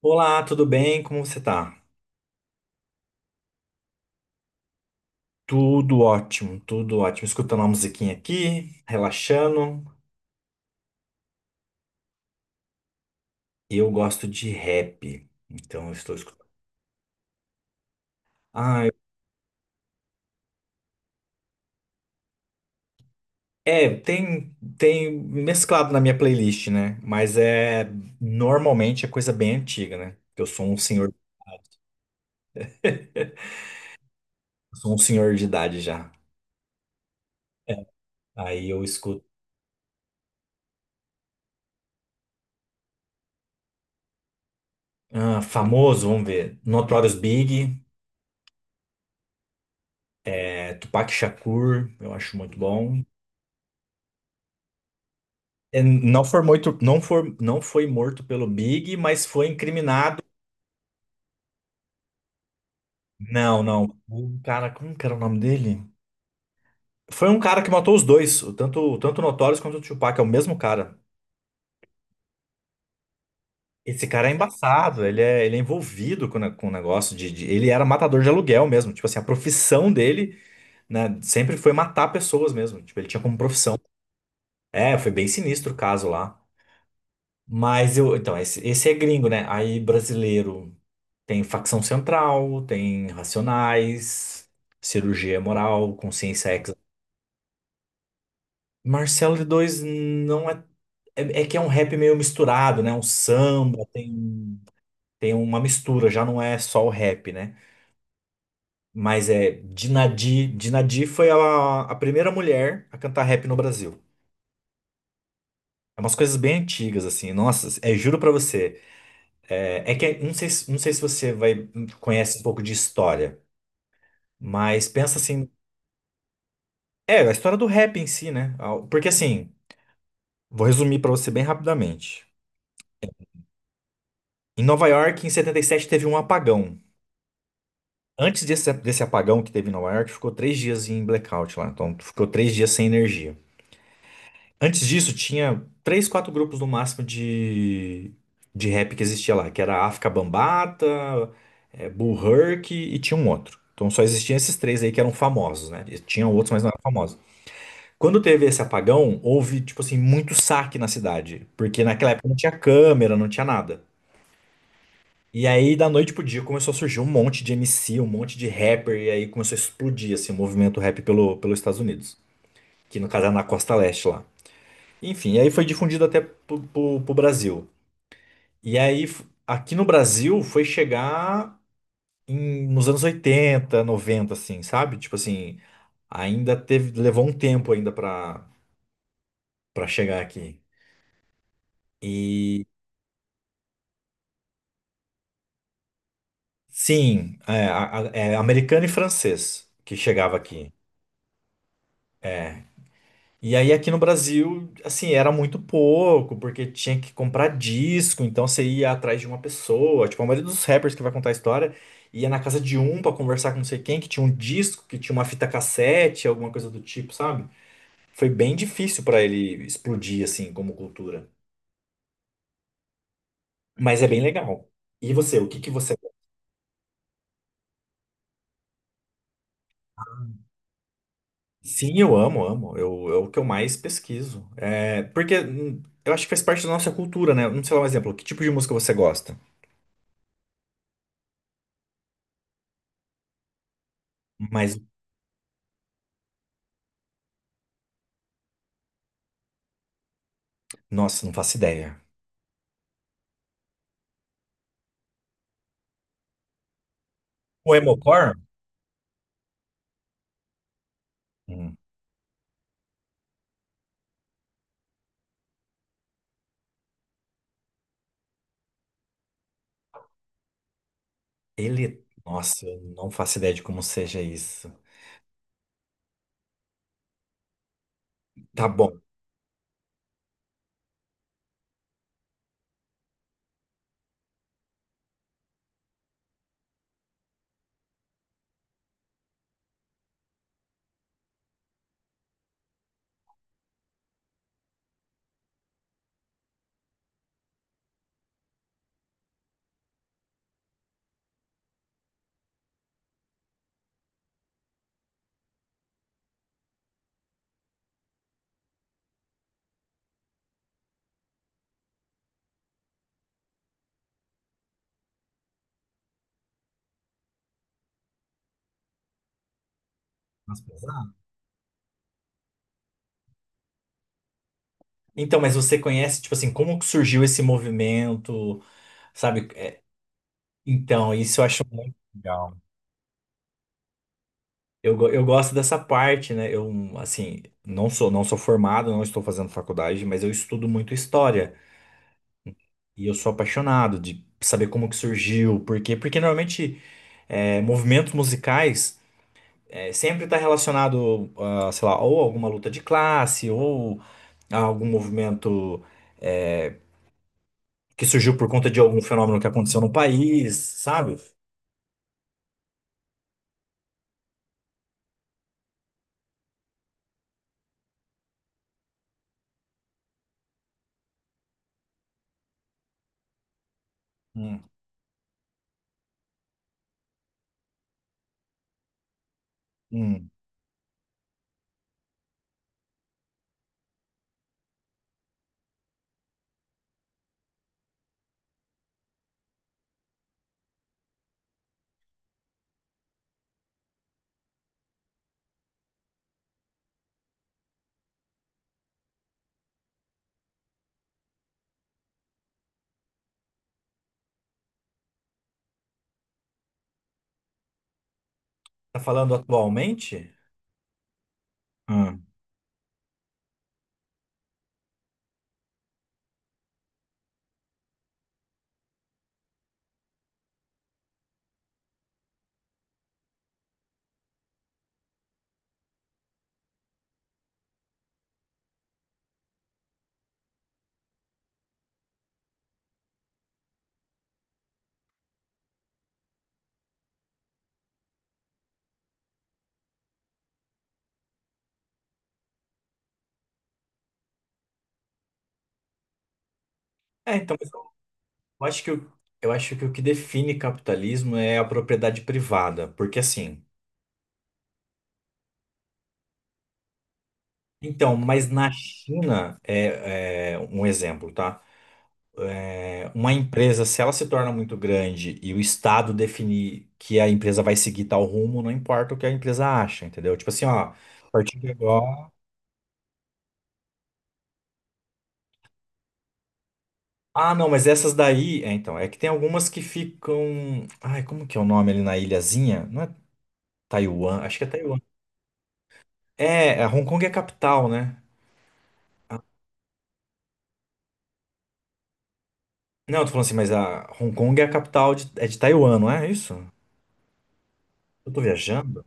Olá, tudo bem? Como você tá? Tudo ótimo, tudo ótimo. Escutando uma musiquinha aqui, relaxando. Eu gosto de rap, então eu estou escutando. Ah, é, tem mesclado na minha playlist, né? Mas normalmente é coisa bem antiga, né? Eu sou um senhor, eu sou um senhor de idade já. É, aí eu escuto. Ah, famoso, vamos ver. Notorious Big, é, Tupac Shakur, eu acho muito bom. É, não foi morto, não foi morto pelo Big, mas foi incriminado. Não, não. O cara, como que era o nome dele? Foi um cara que matou os dois, tanto o Notorious quanto o Tupac, é o mesmo cara. Esse cara é embaçado, ele é envolvido com o negócio. Ele era matador de aluguel mesmo, tipo assim, a profissão dele, né, sempre foi matar pessoas mesmo, tipo, ele tinha como profissão. É, foi bem sinistro o caso lá. Mas eu. Então, esse é gringo, né? Aí brasileiro tem Facção Central, tem Racionais, Cirurgia Moral, Consciência Exa. Marcelo D2 não é. É, é que é um rap meio misturado, né? Um samba, tem, uma mistura, já não é só o rap, né? Mas é Dinadi. Dinadi foi a primeira mulher a cantar rap no Brasil. É umas coisas bem antigas, assim. Nossa, é, juro pra você. É, é que é, não sei se você vai conhece um pouco de história, mas pensa assim, é a história do rap em si, né? Porque assim, vou resumir pra você bem rapidamente. Em Nova York, em 77, teve um apagão. Antes desse apagão que teve em Nova York, ficou 3 dias em blackout lá. Então, ficou 3 dias sem energia. Antes disso, tinha três, quatro grupos no máximo de rap que existia lá, que era África Bambata, Bull Herc e tinha um outro. Então só existiam esses três aí que eram famosos, né? E tinham outros, mas não eram famosos. Quando teve esse apagão, houve, tipo assim, muito saque na cidade, porque naquela época não tinha câmera, não tinha nada. E aí, da noite pro dia, começou a surgir um monte de MC, um monte de rapper, e aí começou a explodir, assim, o movimento rap pelos Estados Unidos, que no caso era na Costa Leste lá. Enfim, aí foi difundido até pro Brasil. E aí, aqui no Brasil, foi chegar nos anos 80 90 assim, sabe? Tipo assim, ainda teve, levou um tempo ainda pra chegar aqui. E sim, é americano e francês que chegava aqui. E aí aqui no Brasil, assim, era muito pouco, porque tinha que comprar disco, então você ia atrás de uma pessoa. Tipo, a maioria dos rappers que vai contar a história ia na casa de um pra conversar com não sei quem, que tinha um disco, que tinha uma fita cassete, alguma coisa do tipo, sabe? Foi bem difícil pra ele explodir, assim, como cultura. Mas é bem legal. E você, o que que você... Sim, eu amo, amo. É o que eu mais pesquiso. É, porque eu acho que faz parte da nossa cultura, né? Não sei lá um exemplo, que tipo de música você gosta? Mas nossa, não faço ideia. O Emocor? Hum. Ele. Nossa, eu não faço ideia de como seja isso. Tá bom. Mas pesado. Então, mas você conhece, tipo assim, como que surgiu esse movimento, sabe? É, então, isso eu acho muito legal. Eu gosto dessa parte, né? Eu, assim, não sou formado, não estou fazendo faculdade, mas eu estudo muito história. E eu sou apaixonado de saber como que surgiu, por quê? Porque normalmente movimentos musicais, sempre está relacionado, a, sei lá, ou alguma luta de classe, ou a algum movimento é, que surgiu por conta de algum fenômeno que aconteceu no país, sabe? Hum, hum. Tá falando atualmente? Hum. É, então, mas acho que o, eu acho que o que define capitalismo é a propriedade privada, porque assim. Então, mas na China, é um exemplo, tá? Uma empresa, se ela se torna muito grande e o Estado definir que a empresa vai seguir tal rumo, não importa o que a empresa acha, entendeu? Tipo assim, ó, a partir de agora. Ah, não, mas essas daí. É, então, é que tem algumas que ficam. Ai, como que é o nome ali na ilhazinha? Não é Taiwan? Acho que é Taiwan. É, a Hong Kong é a capital, né? Não, eu tô falando assim, mas a Hong Kong é a capital é de Taiwan, não é isso? Eu tô viajando?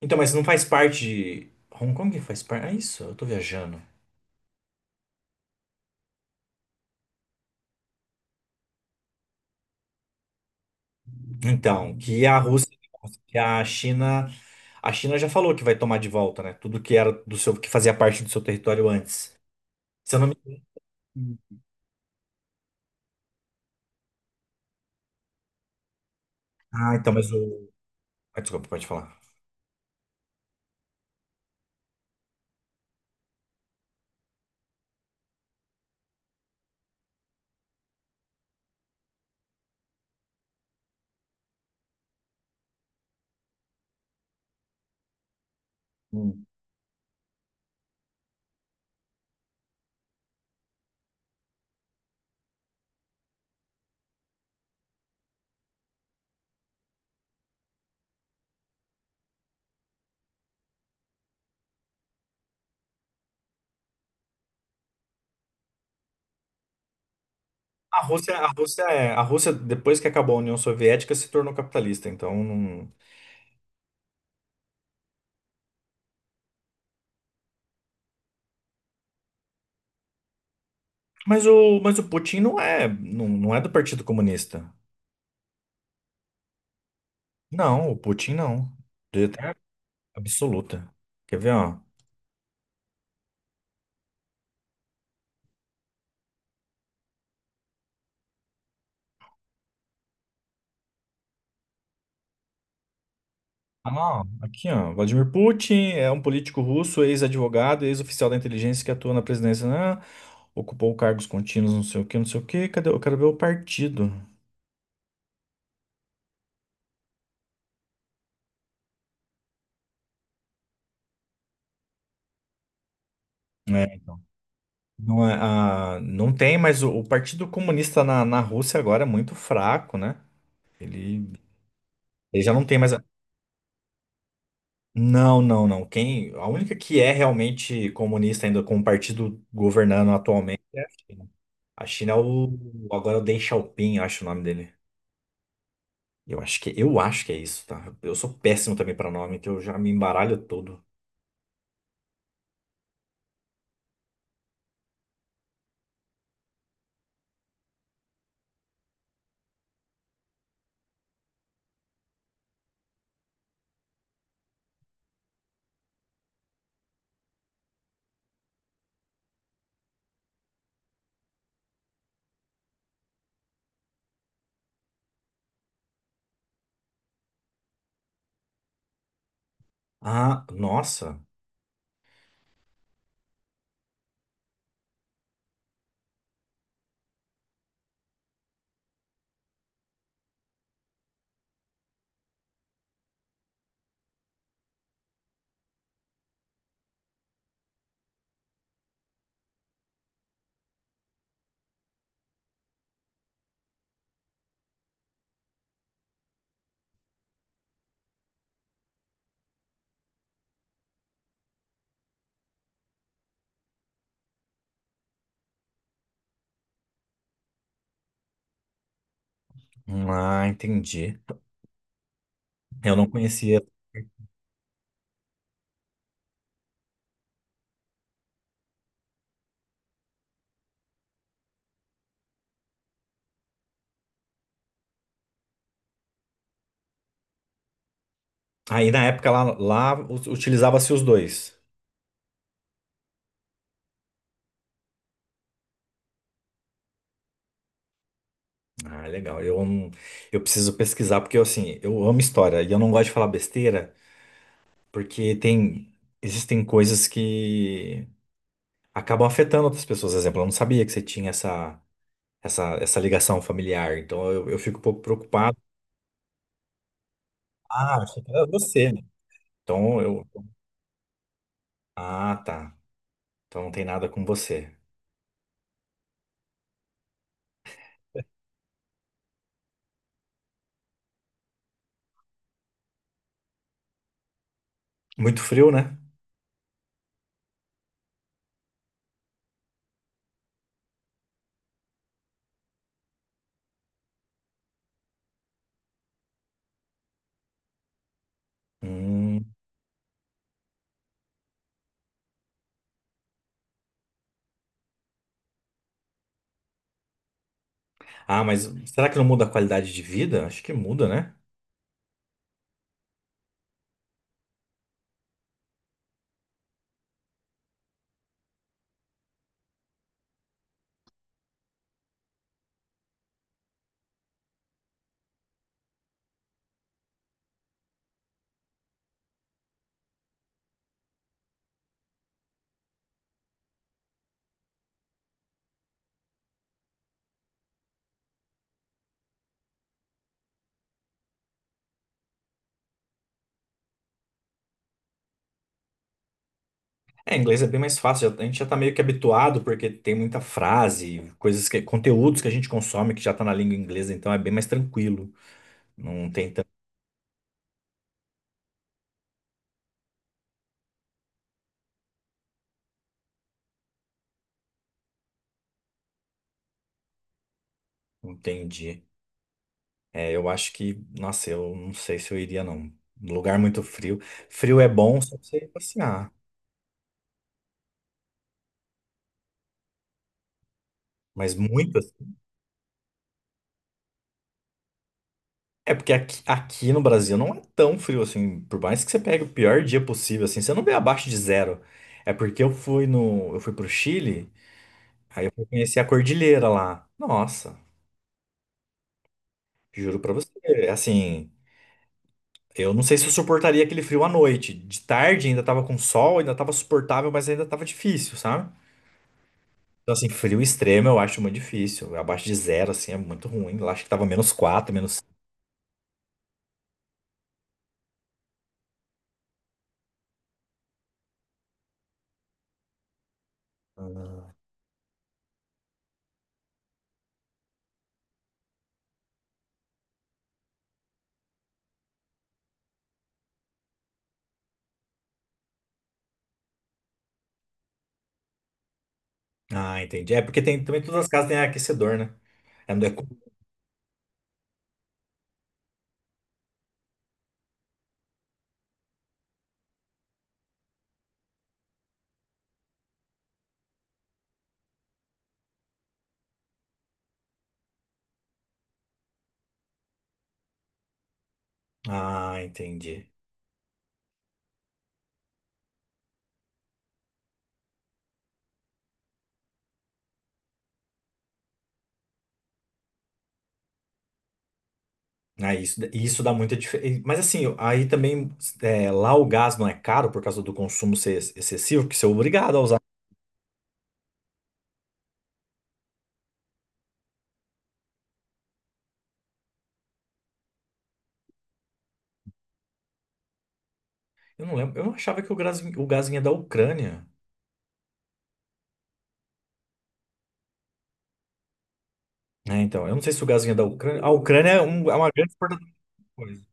Então, mas não faz parte de. Hong Kong faz parte. É isso? Eu tô viajando. Então, que a Rússia, que a China já falou que vai tomar de volta, né? Tudo que era do seu, que fazia parte do seu território antes. Se eu não me... Hum. Ah, então, mas o... ah, desculpa, pode falar. Hum. A Rússia, depois que acabou a União Soviética, se tornou capitalista, então não... Mas o Putin não é do Partido Comunista. Não, o Putin não. Deu até absoluta. Quer ver, ó? Ah, aqui, ó. Vladimir Putin é um político russo, ex-advogado, ex-oficial da inteligência que atua na presidência, né? Ocupou cargos contínuos, não sei o quê, não sei o quê. Cadê? Eu quero ver o partido. É, então. Não, não tem, mas o Partido Comunista na Rússia agora é muito fraco, né? Ele, ele já não tem mais. Não, não, não. A única que é realmente comunista ainda com o partido governando atualmente é a China. A China é o. Agora é o Deng Xiaoping, acho o nome dele. Eu acho que é isso, tá? Eu sou péssimo também pra nome, que eu já me embaralho todo. Ah, nossa. Ah, entendi. Eu não conhecia. Aí na época lá, utilizava-se os dois. Ah, legal. Eu, não- eu preciso pesquisar, porque eu, assim, eu amo história e eu não gosto de falar besteira, porque existem coisas que acabam afetando outras pessoas. Por exemplo, eu não sabia que você tinha essa ligação familiar, então eu fico um pouco preocupado. Ah, achei que era você, né? Então eu. Ah, tá. Então não tem nada com você. Muito frio, né? Hum. Ah, mas será que não muda a qualidade de vida? Acho que muda, né? É, inglês é bem mais fácil. A gente já tá meio que habituado porque tem muita frase, conteúdos que a gente consome que já tá na língua inglesa, então é bem mais tranquilo. Não tem tanto. Entendi. É, eu acho que, nossa, eu não sei se eu iria, não. Lugar muito frio. Frio é bom só pra você ir passear, mas muito. É porque aqui no Brasil não é tão frio assim. Por mais que você pegue o pior dia possível, assim, você não vê abaixo de zero. É porque eu fui no, eu fui pro Chile, aí eu fui conhecer a cordilheira lá. Nossa, juro pra você, assim, eu não sei se eu suportaria aquele frio à noite. De tarde ainda tava com sol, ainda tava suportável, mas ainda tava difícil, sabe? Então, assim, frio extremo eu acho muito difícil. Abaixo de zero, assim, é muito ruim. Eu acho que tava -4, menos. Ah, entendi. É porque também todas as casas têm aquecedor, né? É, é. Ah, entendi. Ah, isso dá muita diferença. Mas assim, aí também lá o gás não é caro por causa do consumo ser excessivo, porque você é obrigado a usar. Eu não lembro, eu não achava que o gás vinha da Ucrânia. Né? Então, eu não sei se o gás vinha da Ucrânia. A Ucrânia é uma grande exportadora de coisa.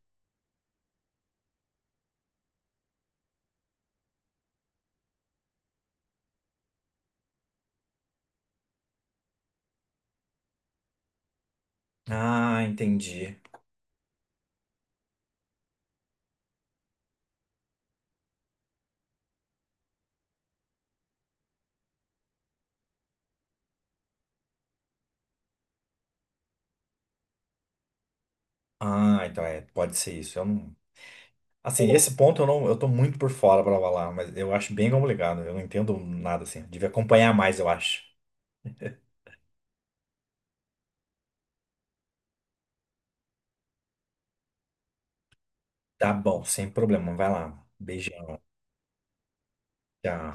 Ah, entendi. Ah, então pode ser isso. Eu não... Assim, esse ponto eu não, eu tô muito por fora pra falar, mas eu acho bem complicado. Eu não entendo nada assim. Devia acompanhar mais, eu acho. Tá bom, sem problema. Vai lá. Beijão. Tchau.